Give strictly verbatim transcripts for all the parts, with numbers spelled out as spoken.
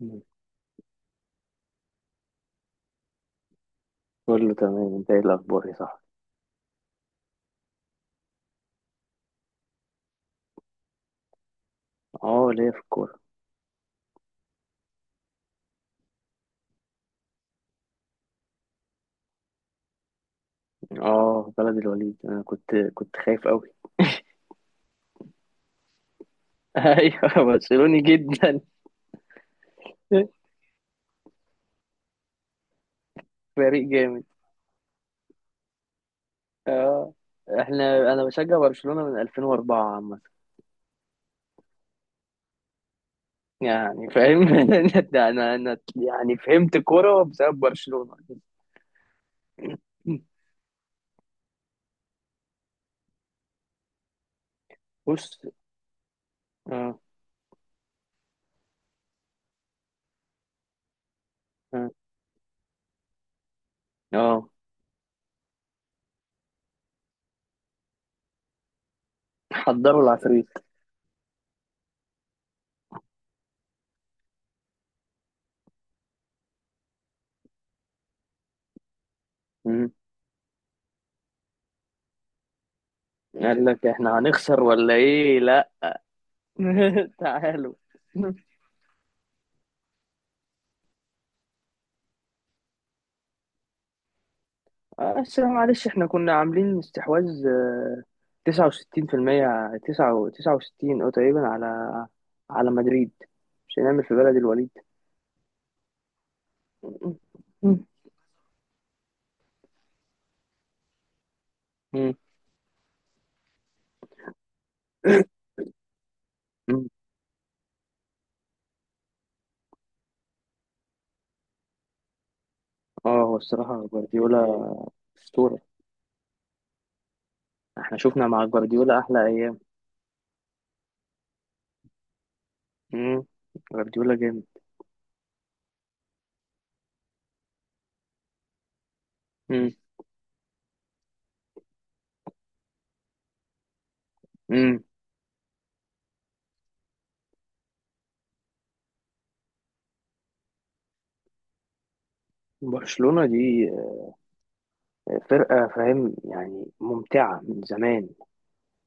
مم. كله تمام، انت ايه الاخبار يا صاحبي؟ اه ليا في الكوره. اه بلد الوليد، انا كنت كنت خايف قوي. ايوه برشلوني جدا. فريق جامد. اه احنا انا بشجع برشلونه من ألفين وأربعة عامه، يعني فاهم. انا انا أنا يعني فهمت كوره بسبب برشلونه. بص. اه. اه. اه. حضروا العفريت. مم. قال لك احنا هنخسر ولا ايه؟ لا. تعالوا. آه، بس معلش احنا كنا عاملين استحواذ آه، تسعة وستين في المية، تسعة تسعة وستين أو تقريبا، على على مدريد. مش هنعمل في بلد الوليد؟ مم. مم. مم. اه، هو الصراحة جوارديولا أسطورة. احنا شفنا مع جوارديولا أحلى أيام. مم. جوارديولا جامد. مم. مم. برشلونة دي فرقة، فاهم يعني، ممتعة من زمان.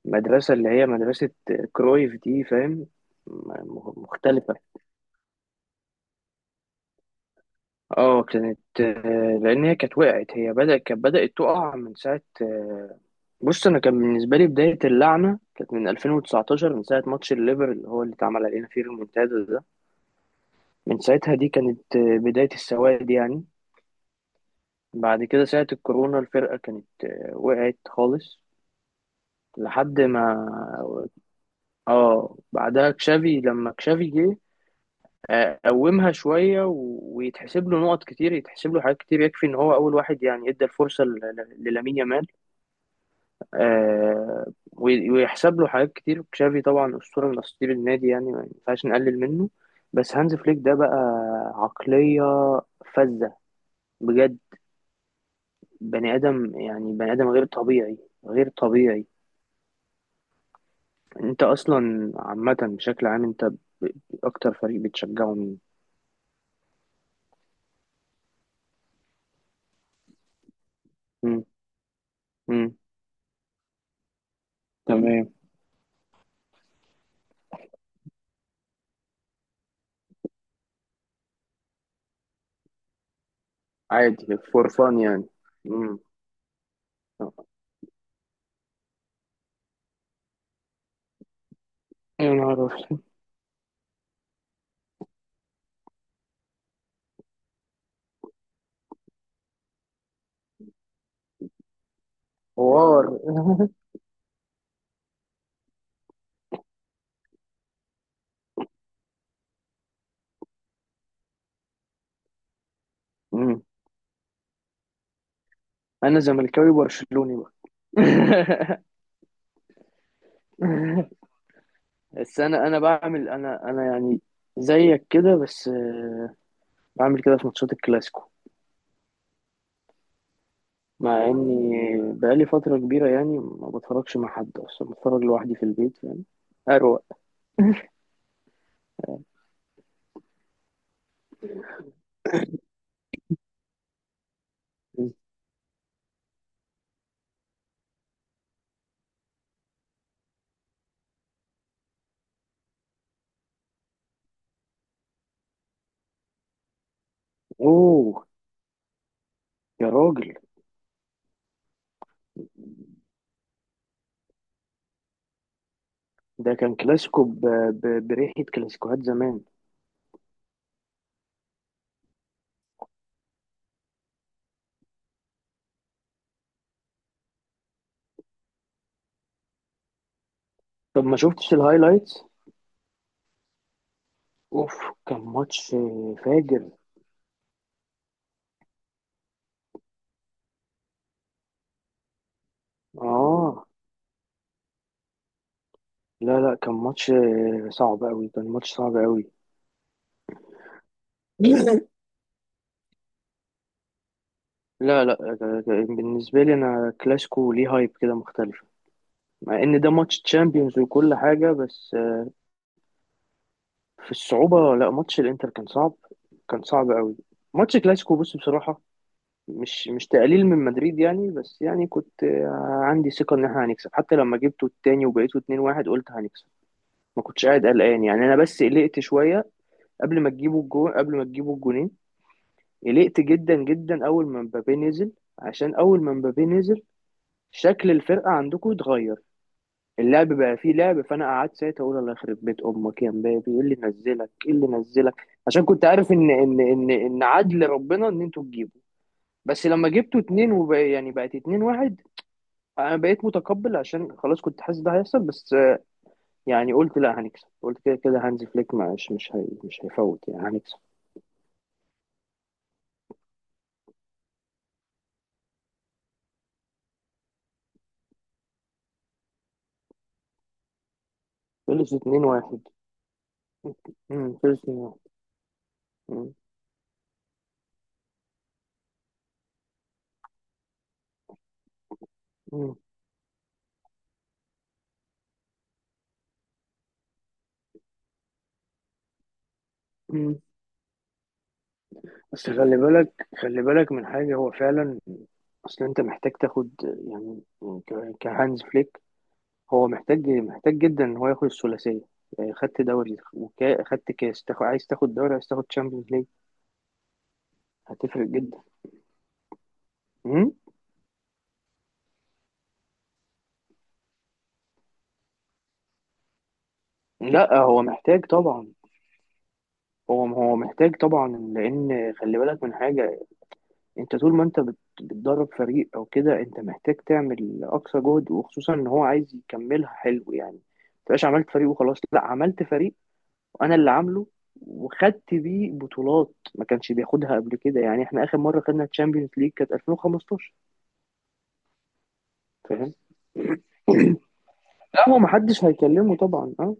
المدرسة اللي هي مدرسة كرويف دي، فاهم، م- مختلفة. اه كانت آه، لان هي كانت وقعت، هي بدأت، كانت بدأت تقع من ساعة آه، بص انا كان بالنسبة لي بداية اللعنة كانت من ألفين وتسعة عشر، من ساعة ماتش الليفر اللي هو اللي اتعمل علينا فيه المونتادا ده. من ساعتها دي كانت آه، بداية السواد يعني. بعد كده ساعة الكورونا الفرقة كانت آه، وقعت خالص لحد ما، اه بعدها كشافي، لما كشافي جه قومها شوية و- ويتحسب له نقط كتير، يتحسب له حاجات كتير، يكفي إن هو أول واحد يعني إدى الفرصة ل- ل- للامين يامال آه، وي- ويحسب له حاجات كتير. تشافي طبعا أسطورة من أساطير النادي، يعني ما ينفعش نقلل منه. بس هانز فليك ده بقى عقلية فذة بجد، بني آدم يعني، بني آدم غير طبيعي، غير طبيعي. أنت أصلا عامة، بشكل عام أنت ب- ب- أكتر فريق بتشجعه مين؟ مم. مم. تمام. عادي فور فان يعني. مم. يا نهار أبيض. حوار. مم. انا زملكاوي برشلوني بقى. بس انا انا بعمل، انا انا يعني زيك كده بس آه، بعمل كده في ماتشات الكلاسيكو. مع اني بقالي فترة كبيرة، يعني ما بتفرجش مع حد اصلا، بتفرج لوحدي في البيت يعني، اروق. اوه يا راجل، ده كان كلاسيكو ب... ب... بريحة كلاسيكوهات زمان. طب ما شفتش الهايلايتس؟ اوف، كان ماتش فاجر. اه لا لا، كان ماتش آه، صعب قوي، كان ماتش صعب قوي. لا لا، آه، بالنسبة لي أنا كلاسيكو ليه هايب كده مختلف، مع إن ده ماتش تشامبيونز وكل حاجة بس آه، في الصعوبة لا، ماتش الإنتر كان صعب، كان صعب قوي. ماتش كلاسيكو بص بصراحة، مش مش تقليل من مدريد يعني، بس يعني كنت آه، عندي ثقة إن إحنا هنكسب، حتى لما جبته التاني وبقيته اتنين واحد قلت هنكسب، ما كنتش قاعد قلقان يعني، أنا بس قلقت شوية قبل ما تجيبوا الجون، قبل ما تجيبوا الجونين. قلقت جدا جدا اول ما مبابي نزل، عشان اول ما مبابي نزل شكل الفرقه عندكم اتغير، اللعب بقى فيه لعب، فانا قعدت ساعتها اقول الله يخرب بيت امك يا مبابي، ايه اللي نزلك، ايه اللي نزلك؟ عشان كنت عارف ان ان ان ان عدل ربنا ان انتوا تجيبوا. بس لما جبتوا اتنين وبقى يعني بقت اتنين واحد، انا بقيت متقبل عشان خلاص كنت حاسس ده هيحصل، بس آه، يعني قلت لا هنكسب، قلت كده كده هانز فليك مش مش هي مش هيفوت يعني، هنكسب. خلص اتنين واحد. امم خلص اتنين واحد. بس خلي بالك، خلي بالك من حاجة، هو فعلا أصل أنت محتاج تاخد يعني ك- كهانز فليك، هو محتاج محتاج جدا إن هو ياخد الثلاثية، يعني خدت دوري وخدت كاس، تاخد عايز تاخد دوري، عايز تاخد تشامبيونز ليج، هتفرق جدا. مم؟ لا هو محتاج طبعا، هو هو محتاج طبعا، لأن خلي بالك من حاجة، أنت طول ما أنت بت- بتدرب فريق أو كده أنت محتاج تعمل أقصى جهد، وخصوصا إن هو عايز يكملها حلو، يعني ما تبقاش عملت فريق وخلاص، لا عملت فريق وانا اللي عامله، وخدت بيه بطولات ما كانش بياخدها قبل كده، يعني احنا اخر مره خدنا تشامبيونز ليج كانت ألفين وخمستاشر. فاهم؟ لا هو ما حدش هيكلمه طبعا. اه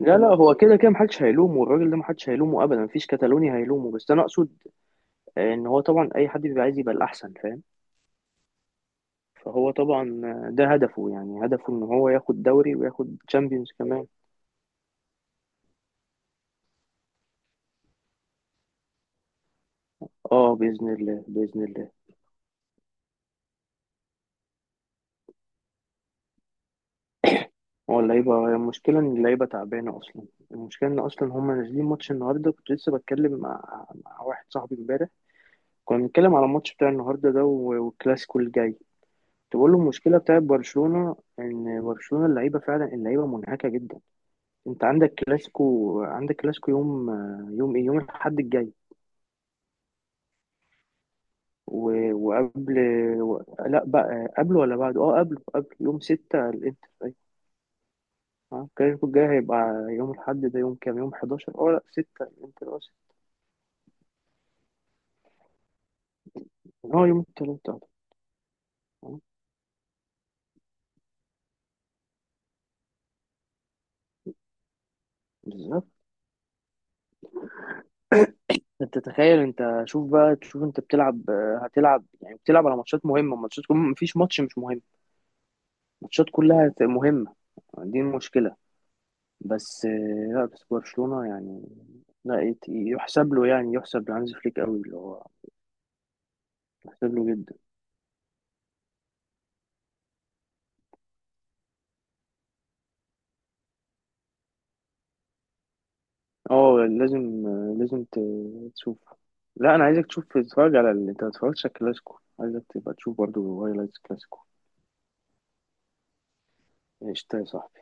لا لا، هو كده كده ما حدش هيلومه الراجل ده، ما حدش هيلومه ابدا، ما فيش كتالوني هيلومه، بس انا اقصد آه، ان هو طبعا اي حد بيبقى عايز يبقى الاحسن، فاهم. فهو طبعا آه، ده هدفه يعني، هدفه ان هو ياخد دوري وياخد تشامبيونز كمان. اه باذن الله، باذن الله. هو اللعيبة، هي المشكلة إن اللعيبة تعبانة أصلا، المشكلة إن أصلا هما نازلين ماتش النهاردة. كنت لسه بتكلم مع، مع واحد صاحبي إمبارح، كنا بنتكلم على الماتش بتاع النهاردة ده و- والكلاسيكو الجاي، تقول له المشكلة بتاعت برشلونة، إن برشلونة اللعيبة فعلا اللعيبة منهكة جدا. أنت عندك كلاسيكو، عندك كلاسيكو يوم، يوم إيه، يوم الأحد الجاي و- وقبل و... لا بقى قبله ولا بعده، اه قبله، قبله يوم ستة الانتر أيوة. اه الكلاسيكو الجاي هيبقى يوم الأحد ده، يوم كام، يوم احداشر اه لا ستة الانتر آه، هو يوم التلات أهو. آه، بالظبط. انت تخيل، انت شوف بقى، تشوف انت بتلعب آه، هتلعب يعني، بتلعب على ماتشات مهمة، ماتشات كم- مفيش ماتش مش مهم، ماتشات كلها هت- مهمة، دي المشكلة. بس آه، لا بس برشلونة يعني، لا يت- يحسب له يعني، يحسب لهانز فليك قوي اللي هو يحسب له جدا. اه لازم آه، لازم ت- تشوف، لا انا عايزك تشوف، تتفرج على ال- انت ما اتفرجتش على الكلاسيكو، عايزك تبقى تشوف برضو هايلايتس كلاسيكو. قشطة يا صاحبي.